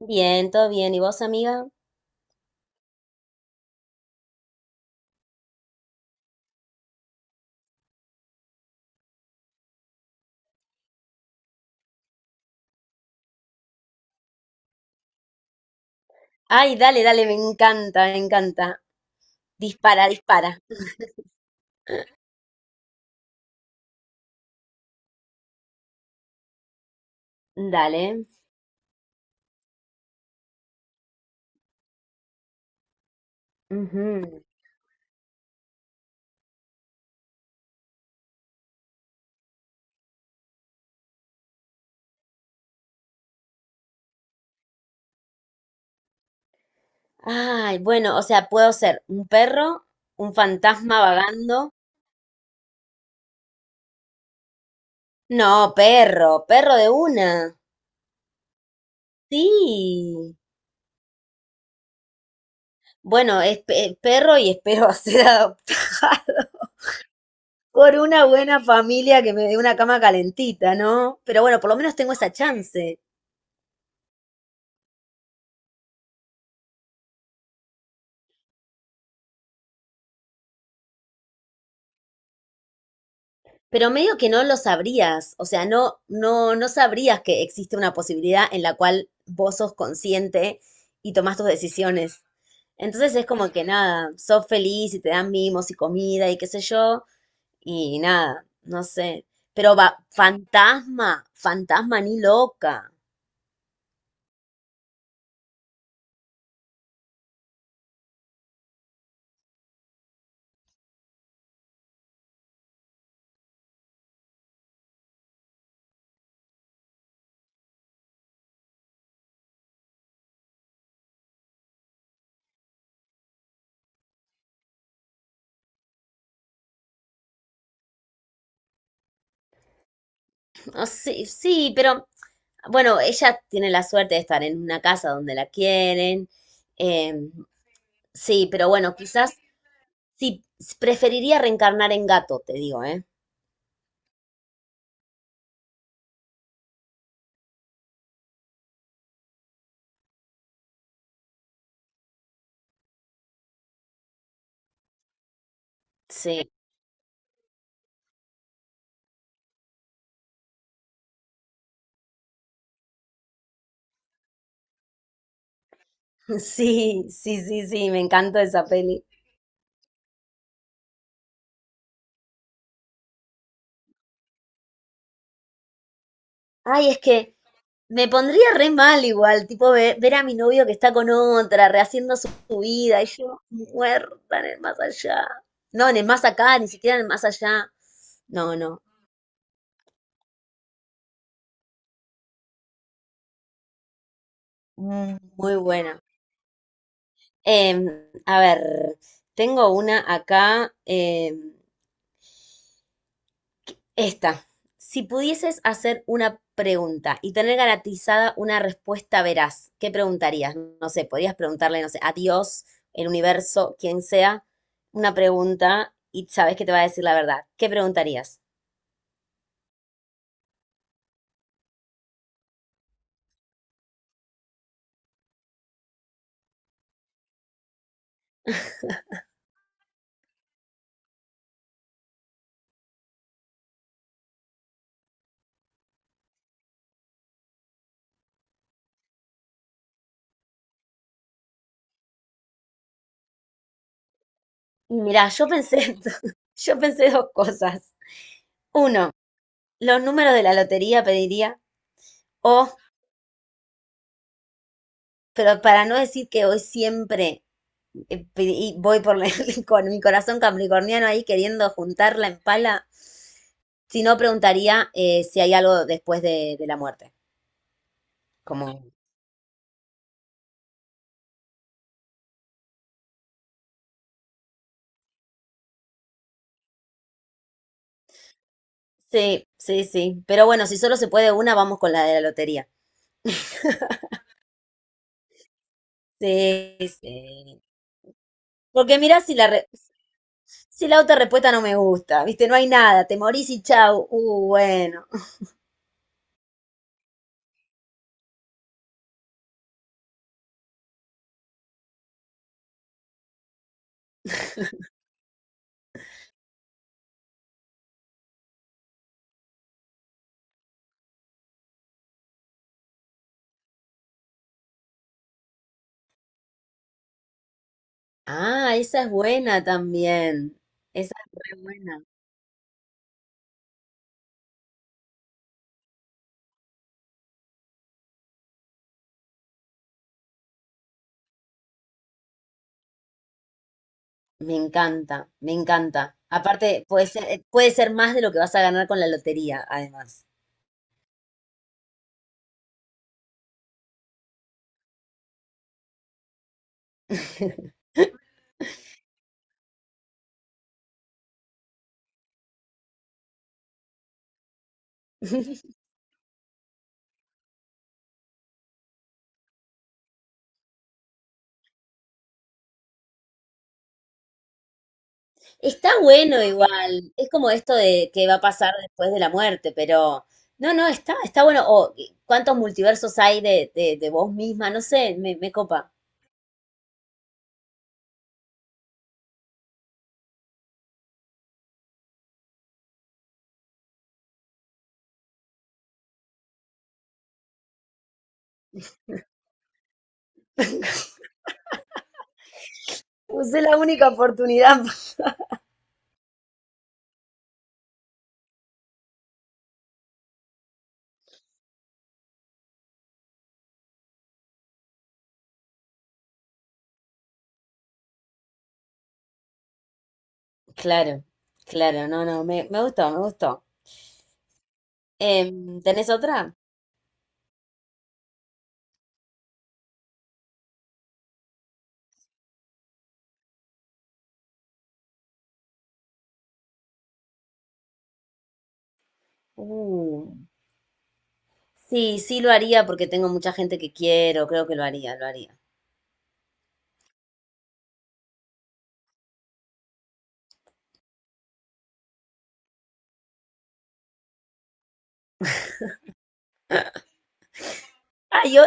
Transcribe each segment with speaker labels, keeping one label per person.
Speaker 1: Bien, todo bien. ¿Y vos, amiga? Ay, dale, dale, me encanta, me encanta. Dispara, dispara. Dale. Ujú. Ay, bueno, o sea, puedo ser un perro, un fantasma vagando. No, perro, perro de una. Sí. Bueno, es perro y espero ser adoptado por una buena familia que me dé una cama calentita, ¿no? Pero bueno, por lo menos tengo esa chance. Pero medio que no lo sabrías, o sea, no sabrías que existe una posibilidad en la cual vos sos consciente y tomás tus decisiones. Entonces es como que nada, sos feliz y te dan mimos y comida y qué sé yo, y nada, no sé. Pero va, fantasma, fantasma ni loca. No sé, sí, pero bueno, ella tiene la suerte de estar en una casa donde la quieren. em, sí, pero bueno, quizás sí, preferiría reencarnar en gato, te digo, ¿eh? Sí. Sí, sí, sí, sí, me encanta esa peli. Ay, es que me pondría re mal igual, tipo ver a mi novio que está con otra, rehaciendo su vida, y yo muerta en el más allá. No, en el más acá, ni siquiera en el más allá. No, no, mm, muy buena. Em, a ver, tengo una acá. Esta, si pudieses hacer una pregunta y tener garantizada una respuesta veraz, ¿qué preguntarías? No sé, podrías preguntarle, no sé, a Dios, el universo, quien sea, una pregunta y sabes que te va a decir la verdad. ¿Qué preguntarías? Y mirá, yo pensé, yo pensé dos cosas. Uno, los números de la lotería pediría, o, pero para no decir que hoy siempre voy por la- con mi corazón capricorniano ahí queriendo juntarla en pala. Si no, preguntaría si hay algo después de la muerte. Como, sí, sí, sí. Pero bueno, si solo se puede una, vamos con la de la lotería. Sí, sí. Porque mirá si la, si la otra respuesta no me gusta, ¿viste? No hay nada, te morís y chau. Bueno. Ah, esa es buena también. Esa es re buena. Me encanta, me encanta. Aparte, puede ser más de lo que vas a ganar con la lotería, además. Está bueno igual, es como esto de que va a pasar después de la muerte, pero no, no, está, está bueno. O cuántos multiversos hay de vos misma, no sé, me copa. Usé la única oportunidad. Claro, claro, no, no, me gustó, me gustó. Em, ¿tenés otra? Uh, sí, sí lo haría porque tengo mucha gente que quiero, creo que lo haría, lo haría. Ah, yo,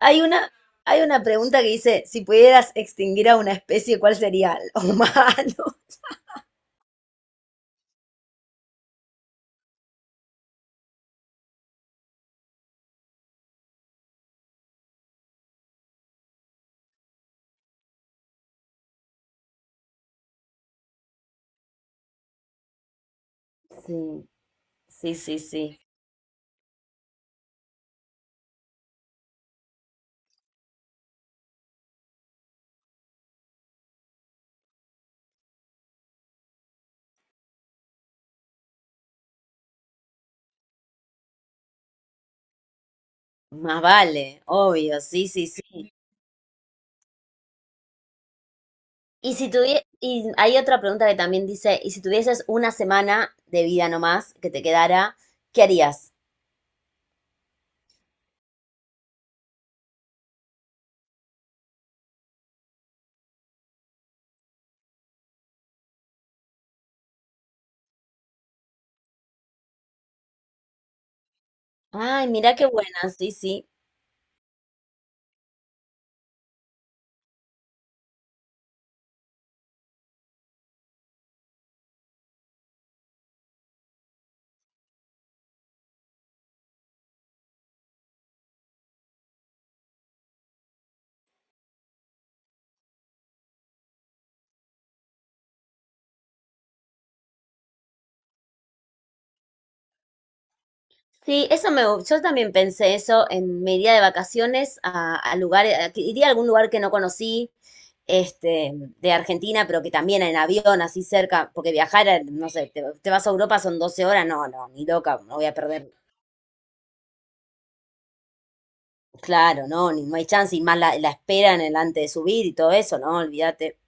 Speaker 1: hay una, hay una pregunta que dice, si pudieras extinguir a una especie, ¿cuál sería? ¿El humano? Sí. Sí, sí, sí. Más vale, obvio, sí, sí, sí. Y si tuvie- y hay otra pregunta que también dice, y si tuvieses una semana de vida nomás que te quedara, ¿qué harías? Ay, mira qué buena, sí, sí. Sí, eso me, yo también pensé eso en mi día de vacaciones a lugares, que iría a algún lugar que no conocí, este, de Argentina, pero que también en avión, así cerca, porque viajar, no sé, te vas a Europa son 12 horas, no, no, ni loca, no voy a perder. Claro, no, ni, no hay chance, y más la, la espera en el antes de subir y todo eso, no, olvídate.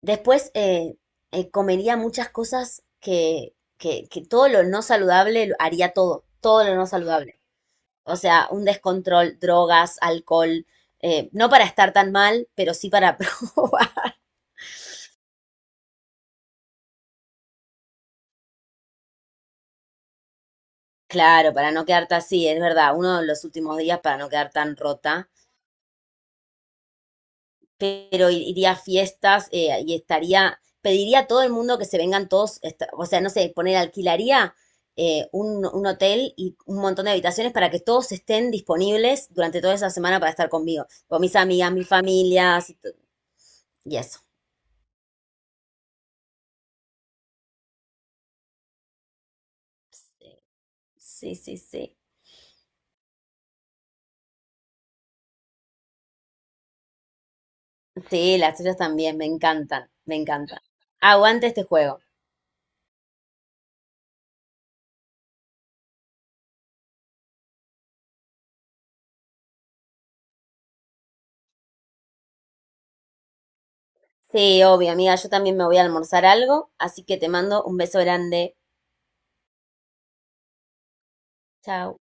Speaker 1: Después comería muchas cosas que todo lo no saludable haría todo, todo lo no saludable. O sea, un descontrol, drogas, alcohol, no para estar tan mal, pero sí para probar. Claro, para no quedarte así, es verdad, uno de los últimos días para no quedar tan rota. Pero iría a fiestas y estaría, pediría a todo el mundo que se vengan todos, o sea, no sé, poner, alquilaría un hotel y un montón de habitaciones para que todos estén disponibles durante toda esa semana para estar conmigo, con mis amigas, mis familias y eso. Sí, sí, sí. Sí, las tuyas también, me encantan, me encantan. Aguante este juego. Sí, obvio, amiga, yo también me voy a almorzar algo, así que te mando un beso grande. Chao.